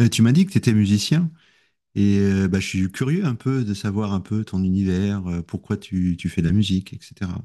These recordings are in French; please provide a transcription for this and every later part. Tu m'as dit que tu étais musicien et je suis curieux un peu de savoir un peu ton univers, pourquoi tu fais de la musique, etc.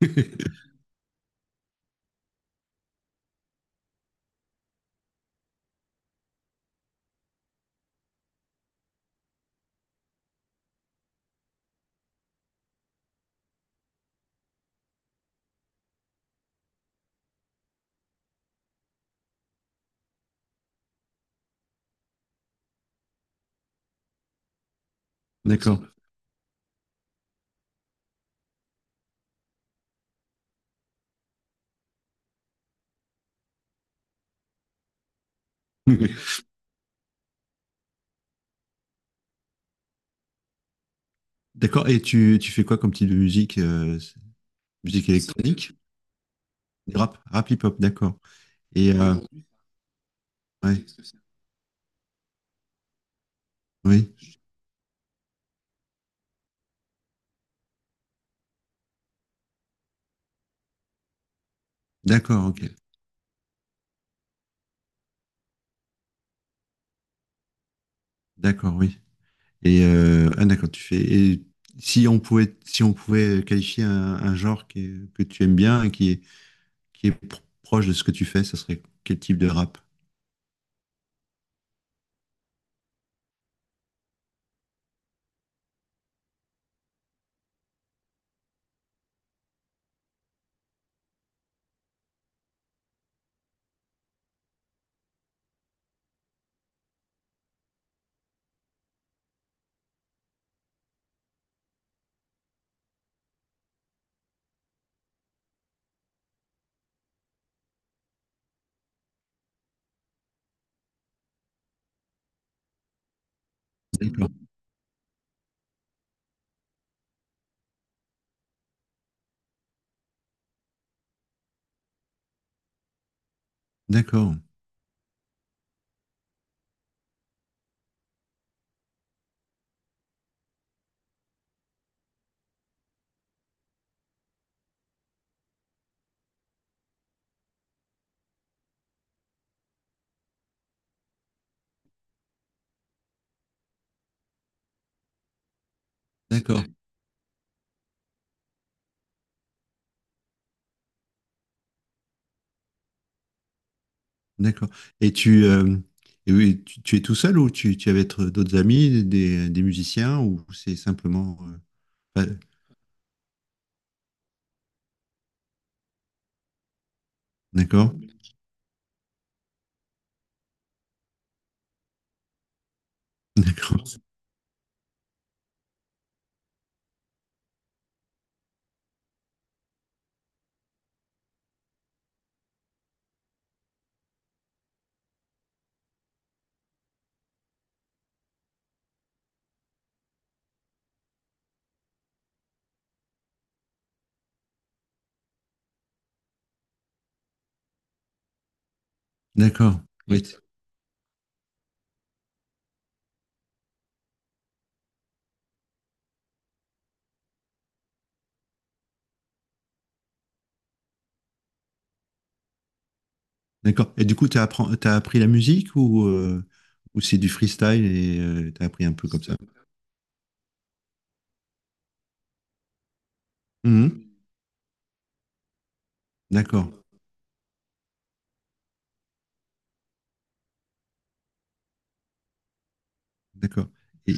D'accord. D'accord. Et tu fais quoi comme type de musique Musique électronique? Rap, rap hip-hop, d'accord. Et ouais, oui, d'accord, ok. D'accord, oui. Et d'accord, tu fais. Et si on pouvait qualifier un genre que tu aimes bien et qui est proche de ce que tu fais, ça serait quel type de rap? D'accord. D'accord. D'accord, d'accord. Et et oui, tu es tout seul ou tu es avec d'autres amis, des musiciens ou c'est simplement. Pas- d'accord, d'accord, d'accord. Oui, d'accord. Et du coup, tu as appris la musique ou c'est du freestyle et tu as appris un peu comme ça? Mhm. D'accord, d'accord. Et,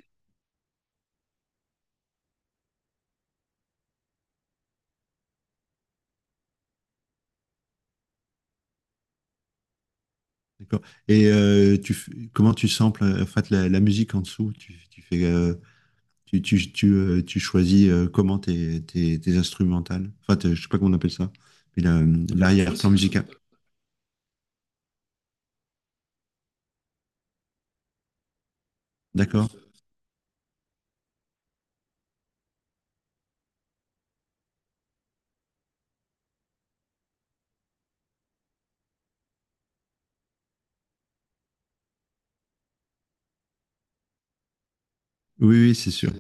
d'accord. Et tu, comment tu samples en fait, la musique en dessous? Tu fais. Tu tu choisis comment tes instrumentales. Enfin, je sais pas comment on appelle ça. Oui, l'arrière-plan musical. D'accord? Oui, oui, c'est sûr.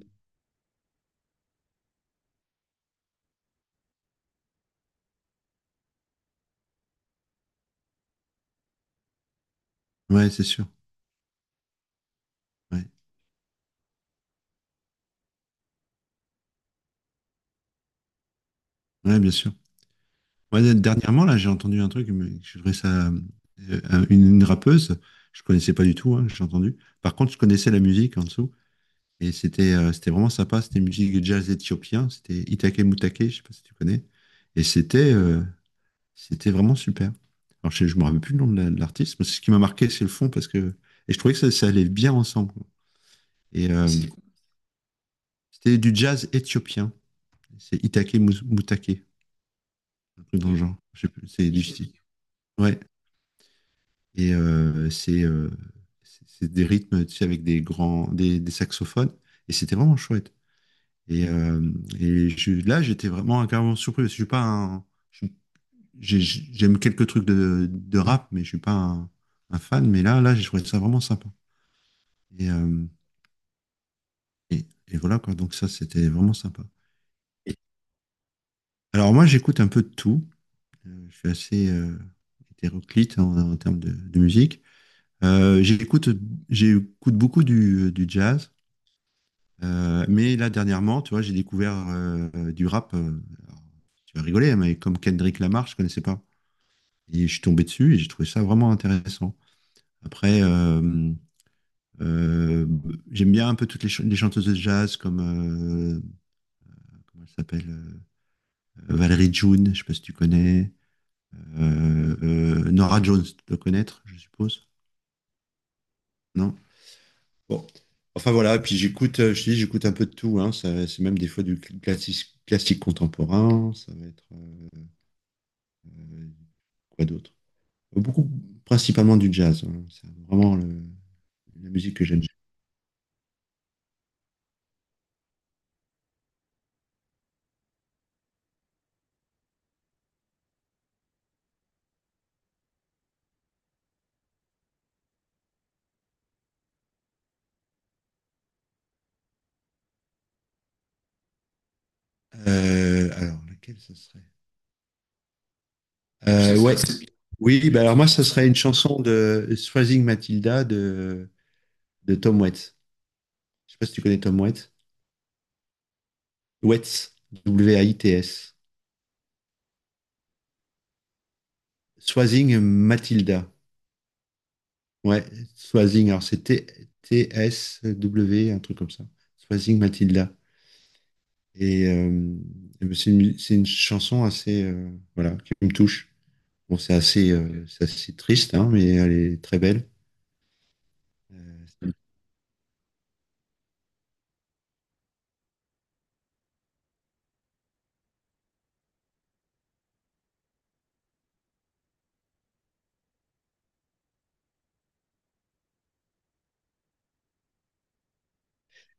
Ouais, c'est sûr. Ouais, ouais, bien sûr. Ouais, dernièrement, là, j'ai entendu un truc, mais je trouvais ça. Une rappeuse, je connaissais pas du tout, hein, j'ai entendu. Par contre, je connaissais la musique en dessous. Et c'était c'était vraiment sympa. C'était une musique jazz éthiopien. C'était Itake Mutake, je sais pas si tu connais. Et c'était c'était vraiment super. Alors, je ne me rappelle plus le nom de l'artiste, mais c'est ce qui m'a marqué, c'est le fond, parce que. Et je trouvais que ça allait bien ensemble, quoi. Et c'était du jazz éthiopien. C'est Itake Moutake, un truc dans le genre. Je sais plus, c'est du style. Ouais. Et c'est c'est des rythmes, tu sais, avec des grands, des saxophones. Et c'était vraiment chouette. Et, euh, et là, j'étais vraiment carrément surpris, parce que je suis pas un. je- j'ai- J'aime quelques trucs de rap, mais je suis pas un, un fan. Mais là j'ai trouvé ça vraiment sympa. Et, euh, et voilà, quoi. Donc ça, c'était vraiment sympa. Et- Alors moi, j'écoute un peu de tout. Je suis assez hétéroclite en, en termes de musique. Euh, j'écoute, J'écoute beaucoup du jazz. Mais là, dernièrement, tu vois, j'ai découvert du rap. Alors, Tu vas rigoler, hein, mais comme Kendrick Lamar, je connaissais pas. Et je suis tombé dessus et j'ai trouvé ça vraiment intéressant. Après, euh, j'aime bien un peu toutes les, les chanteuses de jazz comme, comment elle s'appelle, Valérie June, je ne sais pas si tu connais. Nora Jones, tu dois connaître, je suppose. Non? Bon. Enfin voilà, et puis j'écoute, je te dis, j'écoute un peu de tout, hein. C'est même des fois du classique contemporain. Ça va être quoi d'autre? Beaucoup, principalement du jazz, hein. C'est vraiment la musique que j'aime. Alors, laquelle ça serait? Ouais. Oui, bah alors moi, ça serait une chanson de Swazing Matilda de Tom Waits. Je sais pas si tu connais Tom Waits. Waits, W-A-I-T-S. Swazing Matilda. Ouais, Swazing, alors c'est T-S-W, t T-S-W, un truc comme ça. Swazing Matilda. Et euh, et ben, c'est une chanson assez, voilà, qui me touche. Bon, c'est assez triste, hein, mais elle est très belle. Euh,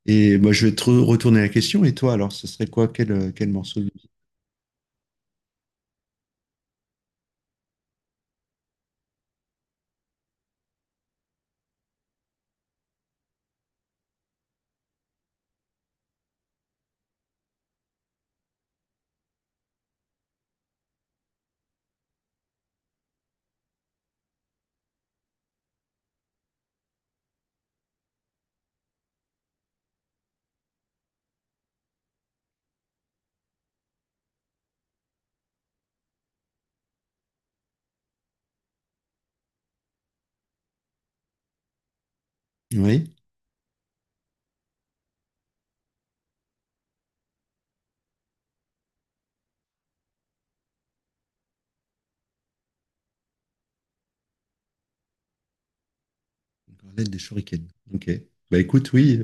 et moi, je vais te retourner la question. Et toi, alors, ce serait quoi? Quel, quel morceau de musique? Oui, une des shurikens. Ok. Bah écoute, oui,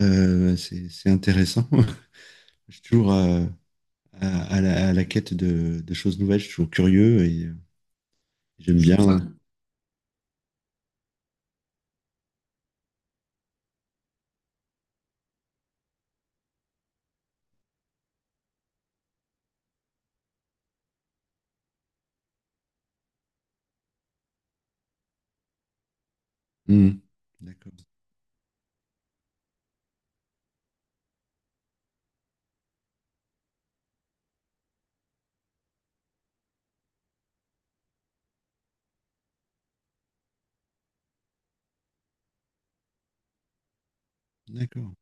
c'est c'est intéressant. Je suis toujours, à la quête de choses nouvelles. Je suis toujours curieux et j'aime bien, ouais. Mm. D'accord. D'accord.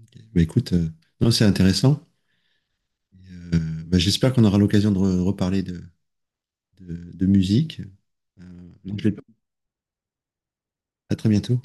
Ok. Bah, écoute, non, c'est intéressant. Euh, bah, j'espère qu'on aura l'occasion de reparler de musique. Donc, à très bientôt.